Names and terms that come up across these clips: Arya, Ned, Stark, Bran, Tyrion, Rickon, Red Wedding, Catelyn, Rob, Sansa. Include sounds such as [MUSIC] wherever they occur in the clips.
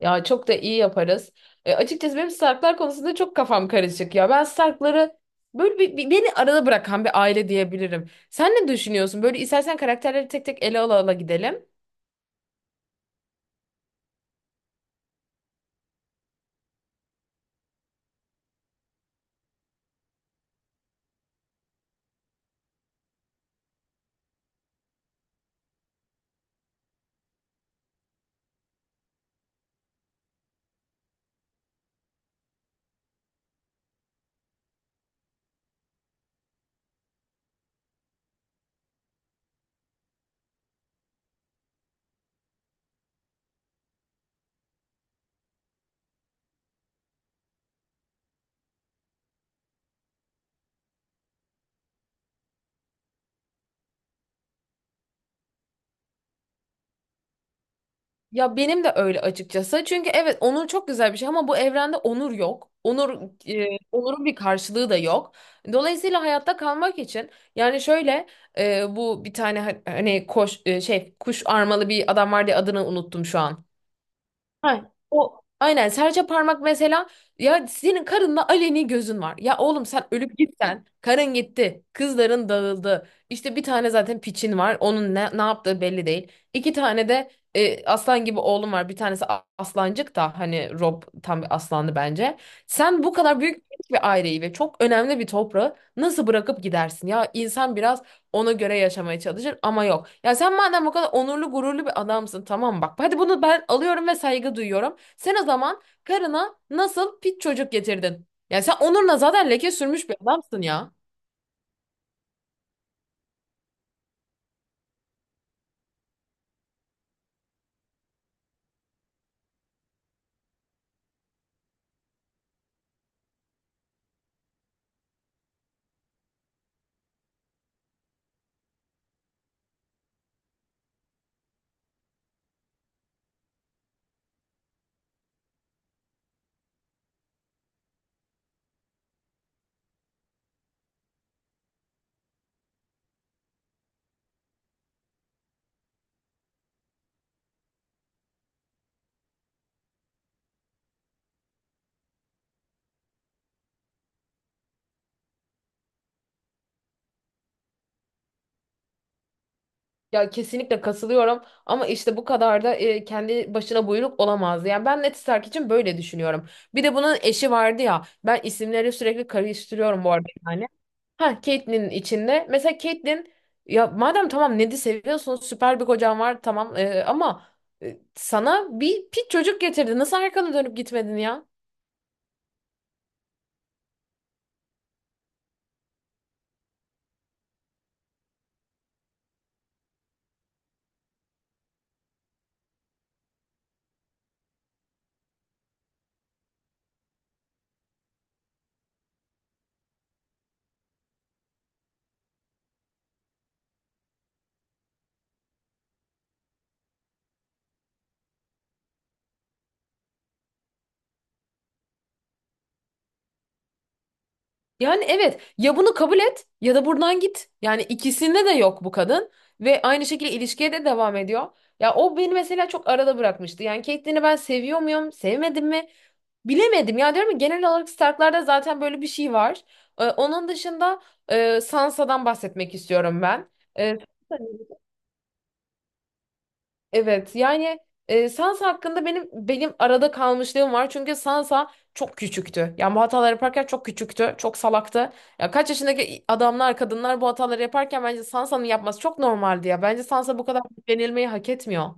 Ya çok da iyi yaparız. Açıkçası benim Starklar konusunda çok kafam karışık ya. Ben Starkları böyle beni arada bırakan bir aile diyebilirim. Sen ne düşünüyorsun? Böyle istersen karakterleri tek tek ele ala ala gidelim. Ya benim de öyle açıkçası. Çünkü evet onur çok güzel bir şey ama bu evrende onur yok. Onurun bir karşılığı da yok. Dolayısıyla hayatta kalmak için yani şöyle, bu bir tane hani koş e, şey kuş armalı bir adam vardı ya, adını unuttum şu an. Ha, o aynen serçe parmak mesela. Ya senin karınla aleni gözün var. Ya oğlum sen ölüp gitsen karın gitti. Kızların dağıldı. İşte bir tane zaten piçin var. Onun ne yaptığı belli değil. İki tane de aslan gibi oğlum var. Bir tanesi aslancık da hani Rob tam bir aslandı bence. Sen bu kadar büyük bir aileyi ve çok önemli bir toprağı nasıl bırakıp gidersin? Ya insan biraz ona göre yaşamaya çalışır ama yok. Ya sen madem bu kadar onurlu gururlu bir adamsın tamam bak. Hadi bunu ben alıyorum ve saygı duyuyorum. Sen o zaman karına nasıl pit çocuk getirdin? Ya sen onuruna zaten leke sürmüş bir adamsın ya. Ya kesinlikle kasılıyorum ama işte bu kadar da kendi başına buyruk olamaz. Yani ben Neti Stark için böyle düşünüyorum. Bir de bunun eşi vardı ya. Ben isimleri sürekli karıştırıyorum bu arada yani. Ha, Catelyn içinde. Mesela Catelyn, ya madem tamam Ned'i seviyorsun süper bir kocan var tamam, ama sana bir pit çocuk getirdi. Nasıl arkana dönüp gitmedin ya? Yani evet ya bunu kabul et ya da buradan git. Yani ikisinde de yok bu kadın ve aynı şekilde ilişkiye de devam ediyor. Ya o beni mesela çok arada bırakmıştı. Yani Caitlyn'i ben seviyor muyum, sevmedim mi bilemedim. Ya diyorum ya genel olarak Stark'larda zaten böyle bir şey var. Onun dışında Sansa'dan bahsetmek istiyorum ben. Ee, Evet yani, Sansa hakkında benim arada kalmışlığım var. Çünkü Sansa çok küçüktü. Yani bu hataları yaparken çok küçüktü. Çok salaktı. Ya kaç yaşındaki adamlar, kadınlar bu hataları yaparken bence Sansa'nın yapması çok normaldi ya. Bence Sansa bu kadar denilmeyi hak etmiyor.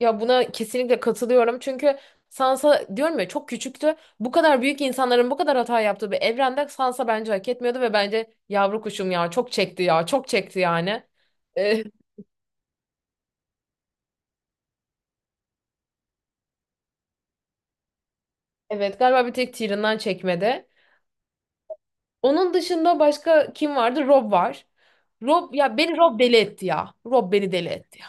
Ya buna kesinlikle katılıyorum. Çünkü Sansa diyorum ya çok küçüktü. Bu kadar büyük insanların bu kadar hata yaptığı bir evrende Sansa bence hak etmiyordu ve bence yavru kuşum ya çok çekti ya çok çekti yani. E, [LAUGHS] evet galiba bir tek Tyrion'dan çekmedi. Onun dışında başka kim vardı? Rob var. Rob ya beni Rob deli etti ya. Rob beni deli etti ya.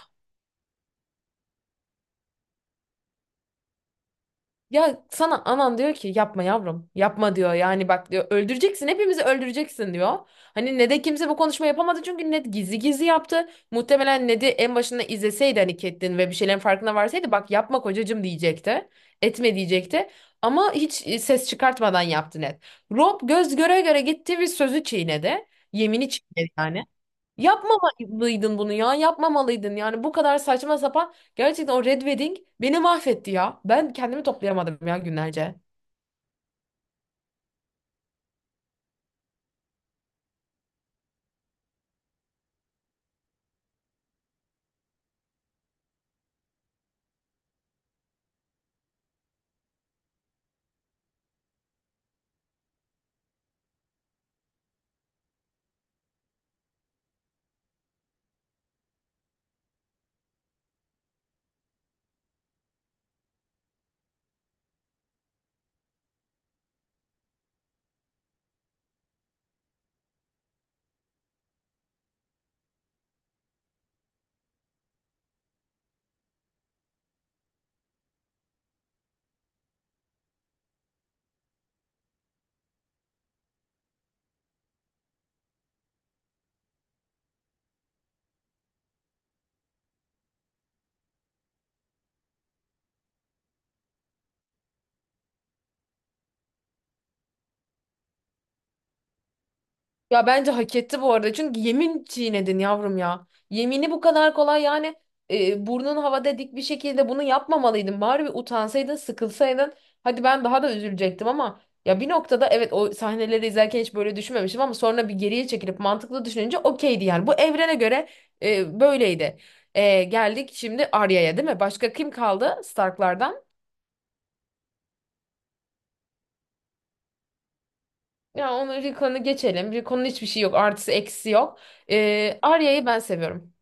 Ya sana anan diyor ki yapma yavrum. Yapma diyor. Yani bak diyor öldüreceksin hepimizi öldüreceksin diyor. Hani ne kimse bu konuşma yapamadı çünkü Ned gizli gizli yaptı. Muhtemelen Ned'i en başında izleseydi hani Catelyn ve bir şeylerin farkına varsaydı bak yapma kocacığım diyecekti. Etme diyecekti. Ama hiç ses çıkartmadan yaptı Ned. Rob göz göre göre gitti ve sözü çiğnedi. Yemini çiğnedi yani. Yapmamalıydın bunu ya. Yapmamalıydın. Yani bu kadar saçma sapan. Gerçekten o Red Wedding beni mahvetti ya. Ben kendimi toplayamadım ya günlerce. Ya bence hak etti bu arada. Çünkü yemin çiğnedin yavrum ya. Yemini bu kadar kolay yani, burnun havada dik bir şekilde bunu yapmamalıydın. Bari bir utansaydın, sıkılsaydın. Hadi ben daha da üzülecektim ama ya bir noktada evet o sahneleri izlerken hiç böyle düşünmemiştim ama sonra bir geriye çekilip mantıklı düşününce okeydi yani. Bu evrene göre böyleydi. E, geldik şimdi Arya'ya değil mi? Başka kim kaldı Stark'lardan? Ya onu, Rickon'u geçelim. Rickon'un hiçbir şey yok. Artısı eksisi yok. E, Arya'yı ben seviyorum.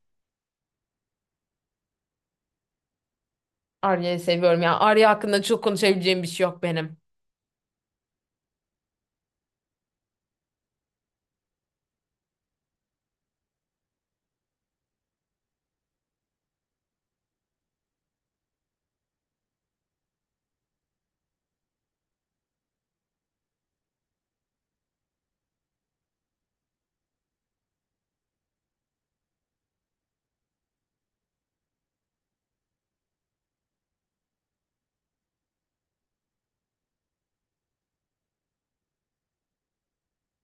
Arya'yı seviyorum ya. Arya hakkında çok konuşabileceğim bir şey yok benim.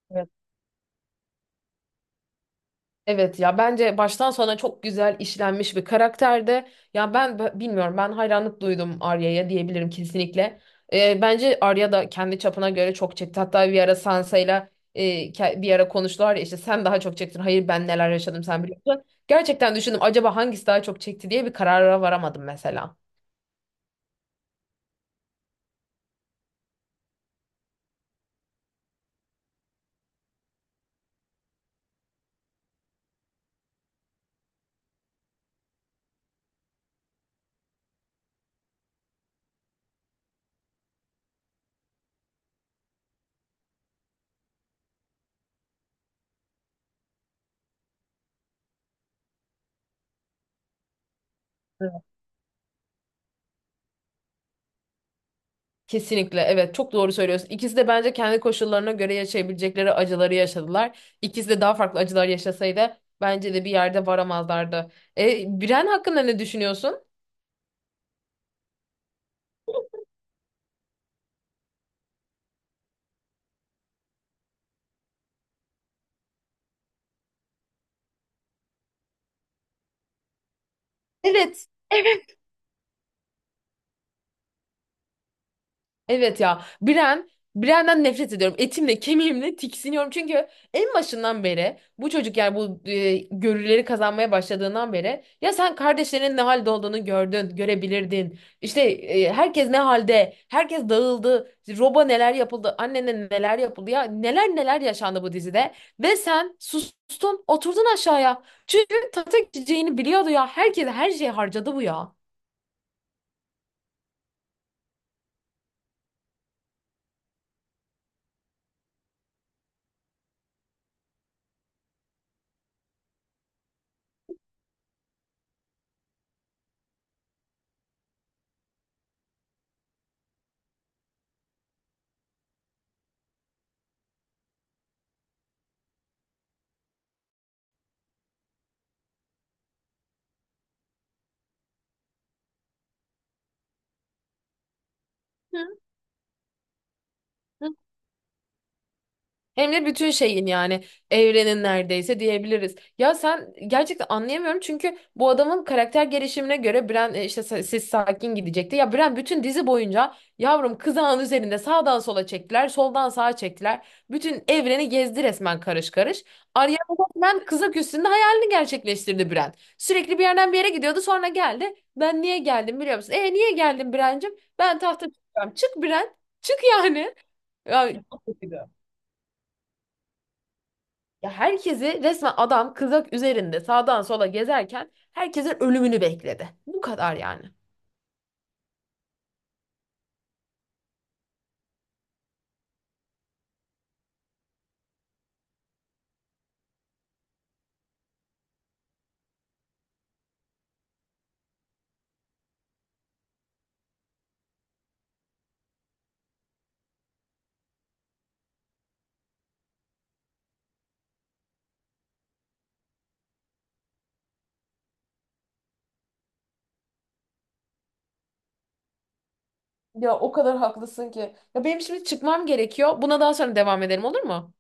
Evet. Evet ya bence baştan sona çok güzel işlenmiş bir karakterde. Ya ben bilmiyorum, ben hayranlık duydum Arya'ya diyebilirim kesinlikle. Bence Arya da kendi çapına göre çok çekti. Hatta bir ara Sansa'yla, e, bir ara konuştular ya işte sen daha çok çektin. Hayır ben neler yaşadım sen biliyorsun. Gerçekten düşündüm acaba hangisi daha çok çekti diye, bir karara varamadım mesela. Evet. Kesinlikle evet çok doğru söylüyorsun. İkisi de bence kendi koşullarına göre yaşayabilecekleri acıları yaşadılar. İkisi de daha farklı acılar yaşasaydı bence de bir yerde varamazlardı. E, Biren hakkında ne düşünüyorsun? Evet. [LAUGHS] Evet ya Biren'den nefret ediyorum. Etimle kemiğimle tiksiniyorum. Çünkü en başından beri bu çocuk yani bu, görüleri kazanmaya başladığından beri ya sen kardeşlerinin ne halde olduğunu gördün, görebilirdin. İşte herkes ne halde, herkes dağıldı, Rob'a neler yapıldı, annene neler yapıldı, ya neler neler yaşandı bu dizide ve sen sustun, oturdun aşağıya. Çünkü tata gideceğini biliyordu ya. Herkes her şeyi harcadı bu ya. Hı. Hem de bütün şeyin yani evrenin neredeyse diyebiliriz. Ya sen, gerçekten anlayamıyorum çünkü bu adamın karakter gelişimine göre Bran, siz sakin gidecekti. Ya Bran bütün dizi boyunca yavrum kızağın üzerinde sağdan sola çektiler, soldan sağa çektiler. Bütün evreni gezdi resmen karış karış. Arya resmen kızak üstünde hayalini gerçekleştirdi Bran. Sürekli bir yerden bir yere gidiyordu sonra geldi. Ben niye geldim biliyor musun? E niye geldim Bran'cığım? Ben tahta çıkacağım. Çık Bran. Çık yani. Ya, ya, herkesi resmen adam kızak üzerinde sağdan sola gezerken herkesin ölümünü bekledi. Bu kadar yani. Ya o kadar haklısın ki. Ya benim şimdi çıkmam gerekiyor. Buna daha sonra devam edelim olur mu?